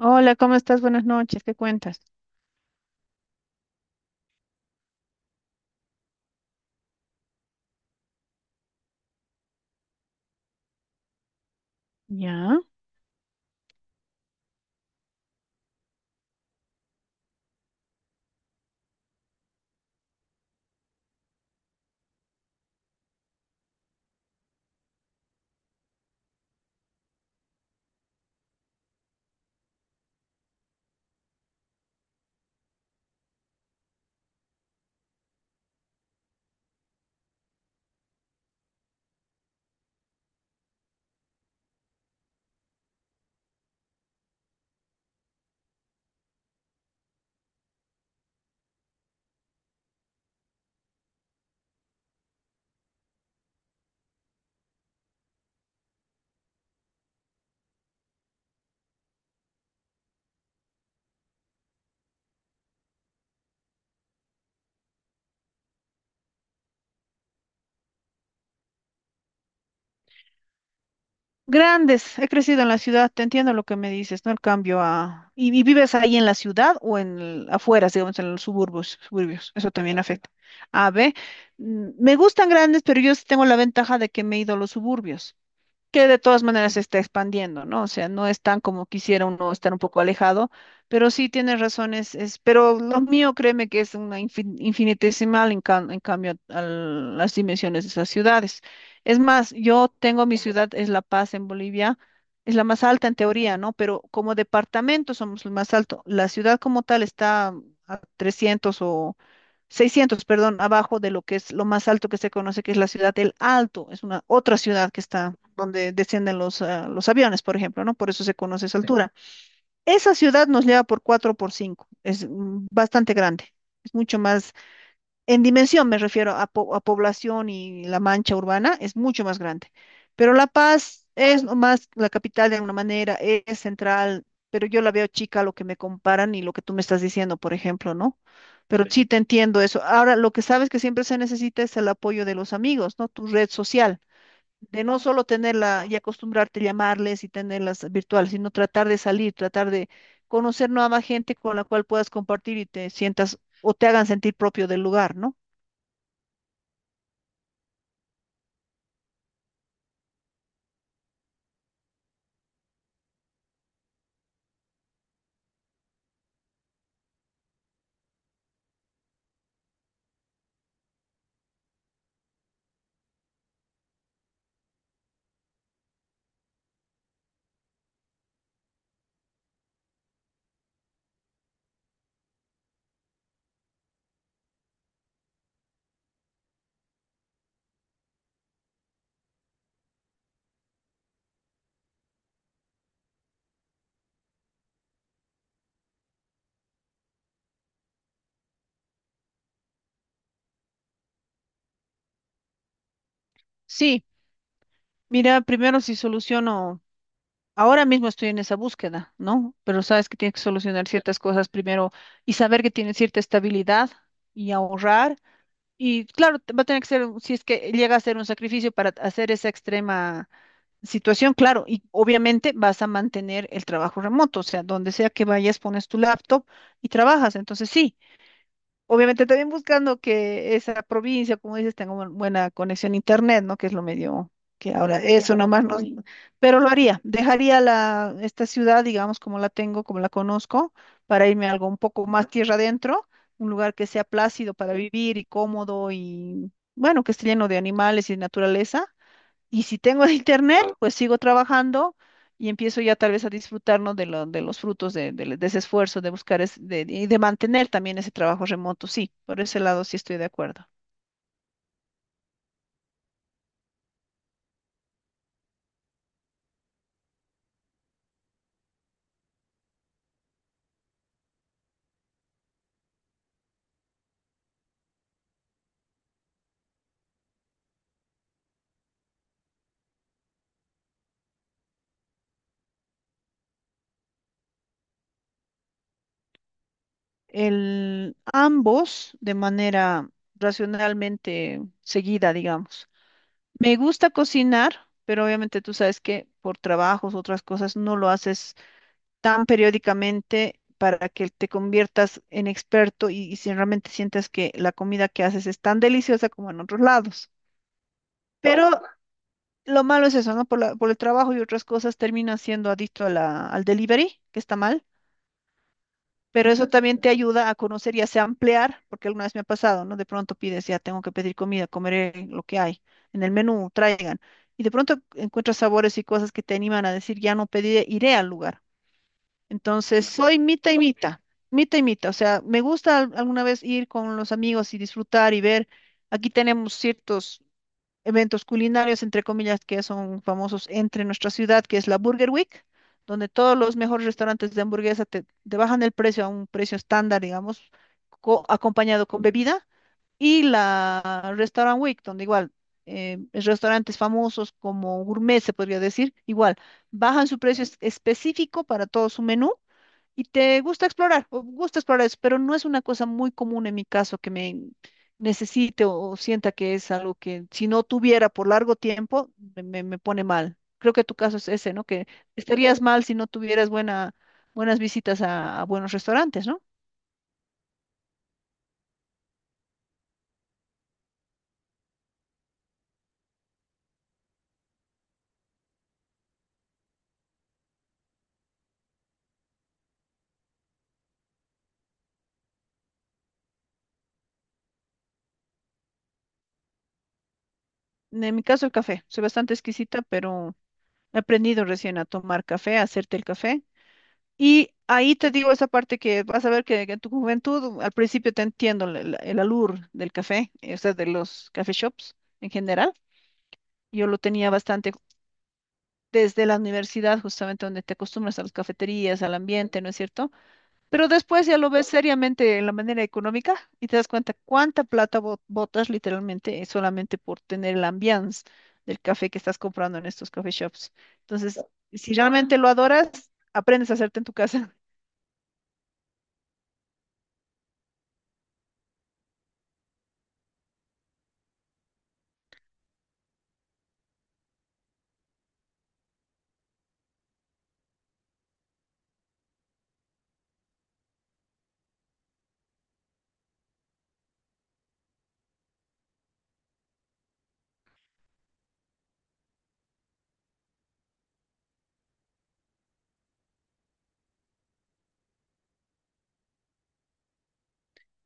Hola, ¿cómo estás? Buenas noches, ¿qué cuentas? Ya. Grandes, he crecido en la ciudad, te entiendo lo que me dices, ¿no? El cambio a. ¿Y vives ahí en la ciudad o en afuera, digamos, en los suburbios? Suburbios, eso también afecta. A ver, me gustan grandes, pero yo sí tengo la ventaja de que me he ido a los suburbios, que de todas maneras se está expandiendo, ¿no? O sea, no es tan como quisiera uno estar un poco alejado, pero sí tienes razones, pero lo mío, créeme que es una infinitesimal en cambio a las dimensiones de esas ciudades. Es más, yo tengo mi ciudad, es La Paz en Bolivia, es la más alta en teoría, ¿no? Pero como departamento somos el más alto. La ciudad como tal está a 300 o 600, perdón, abajo de lo que es lo más alto que se conoce, que es la ciudad del Alto. Es una otra ciudad que está donde descienden los aviones, por ejemplo, ¿no? Por eso se conoce esa, sí, altura. Esa ciudad nos lleva por 4 por 5. Es bastante grande. Es mucho más en dimensión, me refiero a población y la mancha urbana, es mucho más grande. Pero La Paz es nomás la capital de alguna manera, es central, pero yo la veo chica a lo que me comparan y lo que tú me estás diciendo, por ejemplo, ¿no? Pero, sí, sí te entiendo eso. Ahora, lo que sabes que siempre se necesita es el apoyo de los amigos, ¿no? Tu red social, de no solo tenerla y acostumbrarte a llamarles y tenerlas virtuales, sino tratar de salir, tratar de conocer nueva gente con la cual puedas compartir y te sientas o te hagan sentir propio del lugar, ¿no? Sí, mira, primero si soluciono, ahora mismo estoy en esa búsqueda, ¿no? Pero sabes que tienes que solucionar ciertas cosas primero y saber que tienes cierta estabilidad y ahorrar. Y claro, va a tener que ser, si es que llega a ser un sacrificio para hacer esa extrema situación, claro, y obviamente vas a mantener el trabajo remoto, o sea, donde sea que vayas, pones tu laptop y trabajas. Entonces, sí. Obviamente también buscando que esa provincia, como dices, tenga una buena conexión a internet, ¿no? Que es lo medio que ahora eso nomás no, pero lo haría, dejaría la esta ciudad, digamos, como la tengo, como la conozco, para irme a algo un poco más tierra adentro, un lugar que sea plácido para vivir y cómodo y bueno, que esté lleno de animales y de naturaleza, y si tengo internet, pues sigo trabajando y empiezo ya tal vez a disfrutar, ¿no? De los frutos de ese esfuerzo, de buscar y de mantener también ese trabajo remoto. Sí, por ese lado sí estoy de acuerdo. Ambos de manera racionalmente seguida, digamos. Me gusta cocinar, pero obviamente tú sabes que por trabajos, otras cosas, no lo haces tan periódicamente para que te conviertas en experto y si realmente sientas que la comida que haces es tan deliciosa como en otros lados. Pero lo malo es eso, ¿no? Por el trabajo y otras cosas terminas siendo adicto a al delivery, que está mal. Pero eso también te ayuda a conocer y hace ampliar, porque alguna vez me ha pasado, ¿no? De pronto pides, ya tengo que pedir comida, comeré lo que hay en el menú, traigan. Y de pronto encuentras sabores y cosas que te animan a decir, ya no pediré, iré al lugar. Entonces, soy mitad y mitad, mitad y mitad. O sea, me gusta alguna vez ir con los amigos y disfrutar y ver. Aquí tenemos ciertos eventos culinarios, entre comillas, que son famosos entre nuestra ciudad, que es la Burger Week, donde todos los mejores restaurantes de hamburguesa te bajan el precio a un precio estándar, digamos, acompañado con bebida. Y la Restaurant Week, donde igual restaurantes famosos como gourmet, se podría decir, igual bajan su precio específico para todo su menú, y te gusta explorar, o gusta explorar eso, pero no es una cosa muy común en mi caso que me necesite o sienta que es algo que si no tuviera por largo tiempo me pone mal. Creo que tu caso es ese, ¿no? Que estarías mal si no tuvieras buena, buenas visitas a buenos restaurantes, ¿no? En mi caso el café, soy bastante exquisita, pero he aprendido recién a tomar café, a hacerte el café. Y ahí te digo esa parte que vas a ver que en tu juventud, al principio te entiendo el, alur del café, o sea, de los café shops en general. Yo lo tenía bastante desde la universidad, justamente donde te acostumbras a las cafeterías, al ambiente, ¿no es cierto? Pero después ya lo ves seriamente en la manera económica y te das cuenta cuánta plata botas literalmente, solamente por tener el ambiance del café que estás comprando en estos café shops. Entonces, si realmente lo adoras, aprendes a hacerte en tu casa.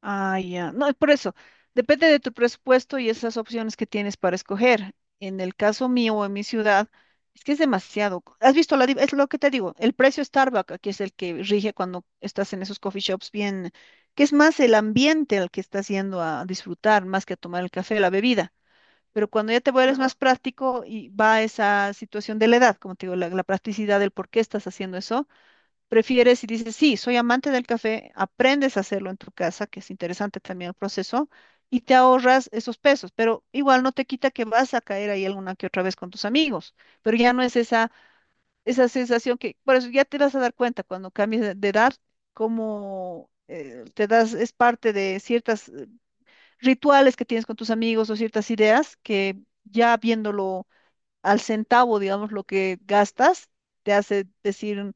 Ah, ya. No, por eso, depende de tu presupuesto y esas opciones que tienes para escoger. En el caso mío o en mi ciudad, es que es demasiado. ¿Has visto? Es lo que te digo, el precio Starbucks, que es el que rige cuando estás en esos coffee shops bien, que es más el ambiente al que estás yendo a disfrutar, más que a tomar el café, la bebida. Pero cuando ya te vuelves más práctico y va esa situación de la edad, como te digo, la practicidad del por qué estás haciendo eso. Prefieres y dices, sí, soy amante del café, aprendes a hacerlo en tu casa, que es interesante también el proceso, y te ahorras esos pesos, pero igual no te quita que vas a caer ahí alguna que otra vez con tus amigos, pero ya no es esa sensación que, por eso ya te vas a dar cuenta cuando cambies de edad, cómo, te das, es parte de ciertos rituales que tienes con tus amigos o ciertas ideas que ya viéndolo al centavo, digamos, lo que gastas, te hace decir.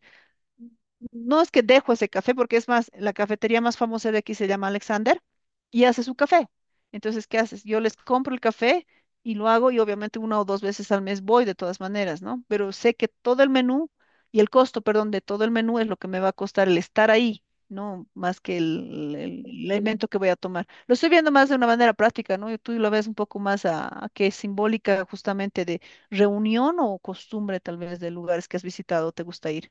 No es que dejo ese café, porque es más, la cafetería más famosa de aquí se llama Alexander y hace su café. Entonces, ¿qué haces? Yo les compro el café y lo hago y obviamente una o dos veces al mes voy de todas maneras, ¿no? Pero sé que todo el menú y el costo, perdón, de todo el menú es lo que me va a costar el estar ahí, ¿no? Más que el elemento que voy a tomar. Lo estoy viendo más de una manera práctica, ¿no? Y tú lo ves un poco más a que es simbólica justamente de reunión o costumbre tal vez de lugares que has visitado o te gusta ir.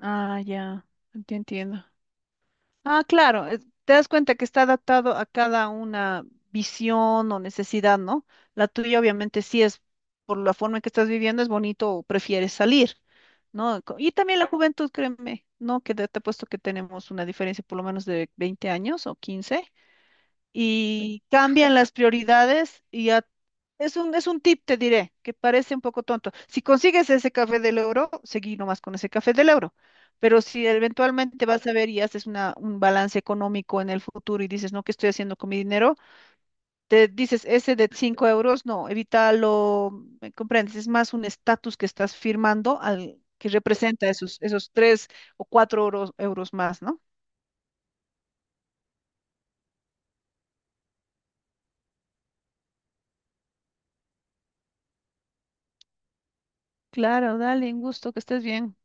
Ah, ya, te entiendo. Ah, claro, te das cuenta que está adaptado a cada una visión o necesidad, ¿no? La tuya obviamente sí es, por la forma en que estás viviendo, es bonito o prefieres salir, ¿no? Y también la juventud, créeme, ¿no? Que te he puesto que tenemos una diferencia por lo menos de 20 años o 15, y cambian las prioridades, y ya es un tip, te diré, que parece un poco tonto. Si consigues ese café del euro, seguí nomás con ese café del euro. Pero si eventualmente vas a ver y haces un balance económico en el futuro y dices, no, ¿qué estoy haciendo con mi dinero? Te dices, ese de 5 euros, no, evítalo, ¿me comprendes? Es más un estatus que estás firmando al que representa esos 3 o 4 euros más, ¿no? Claro, dale, un gusto, que estés bien.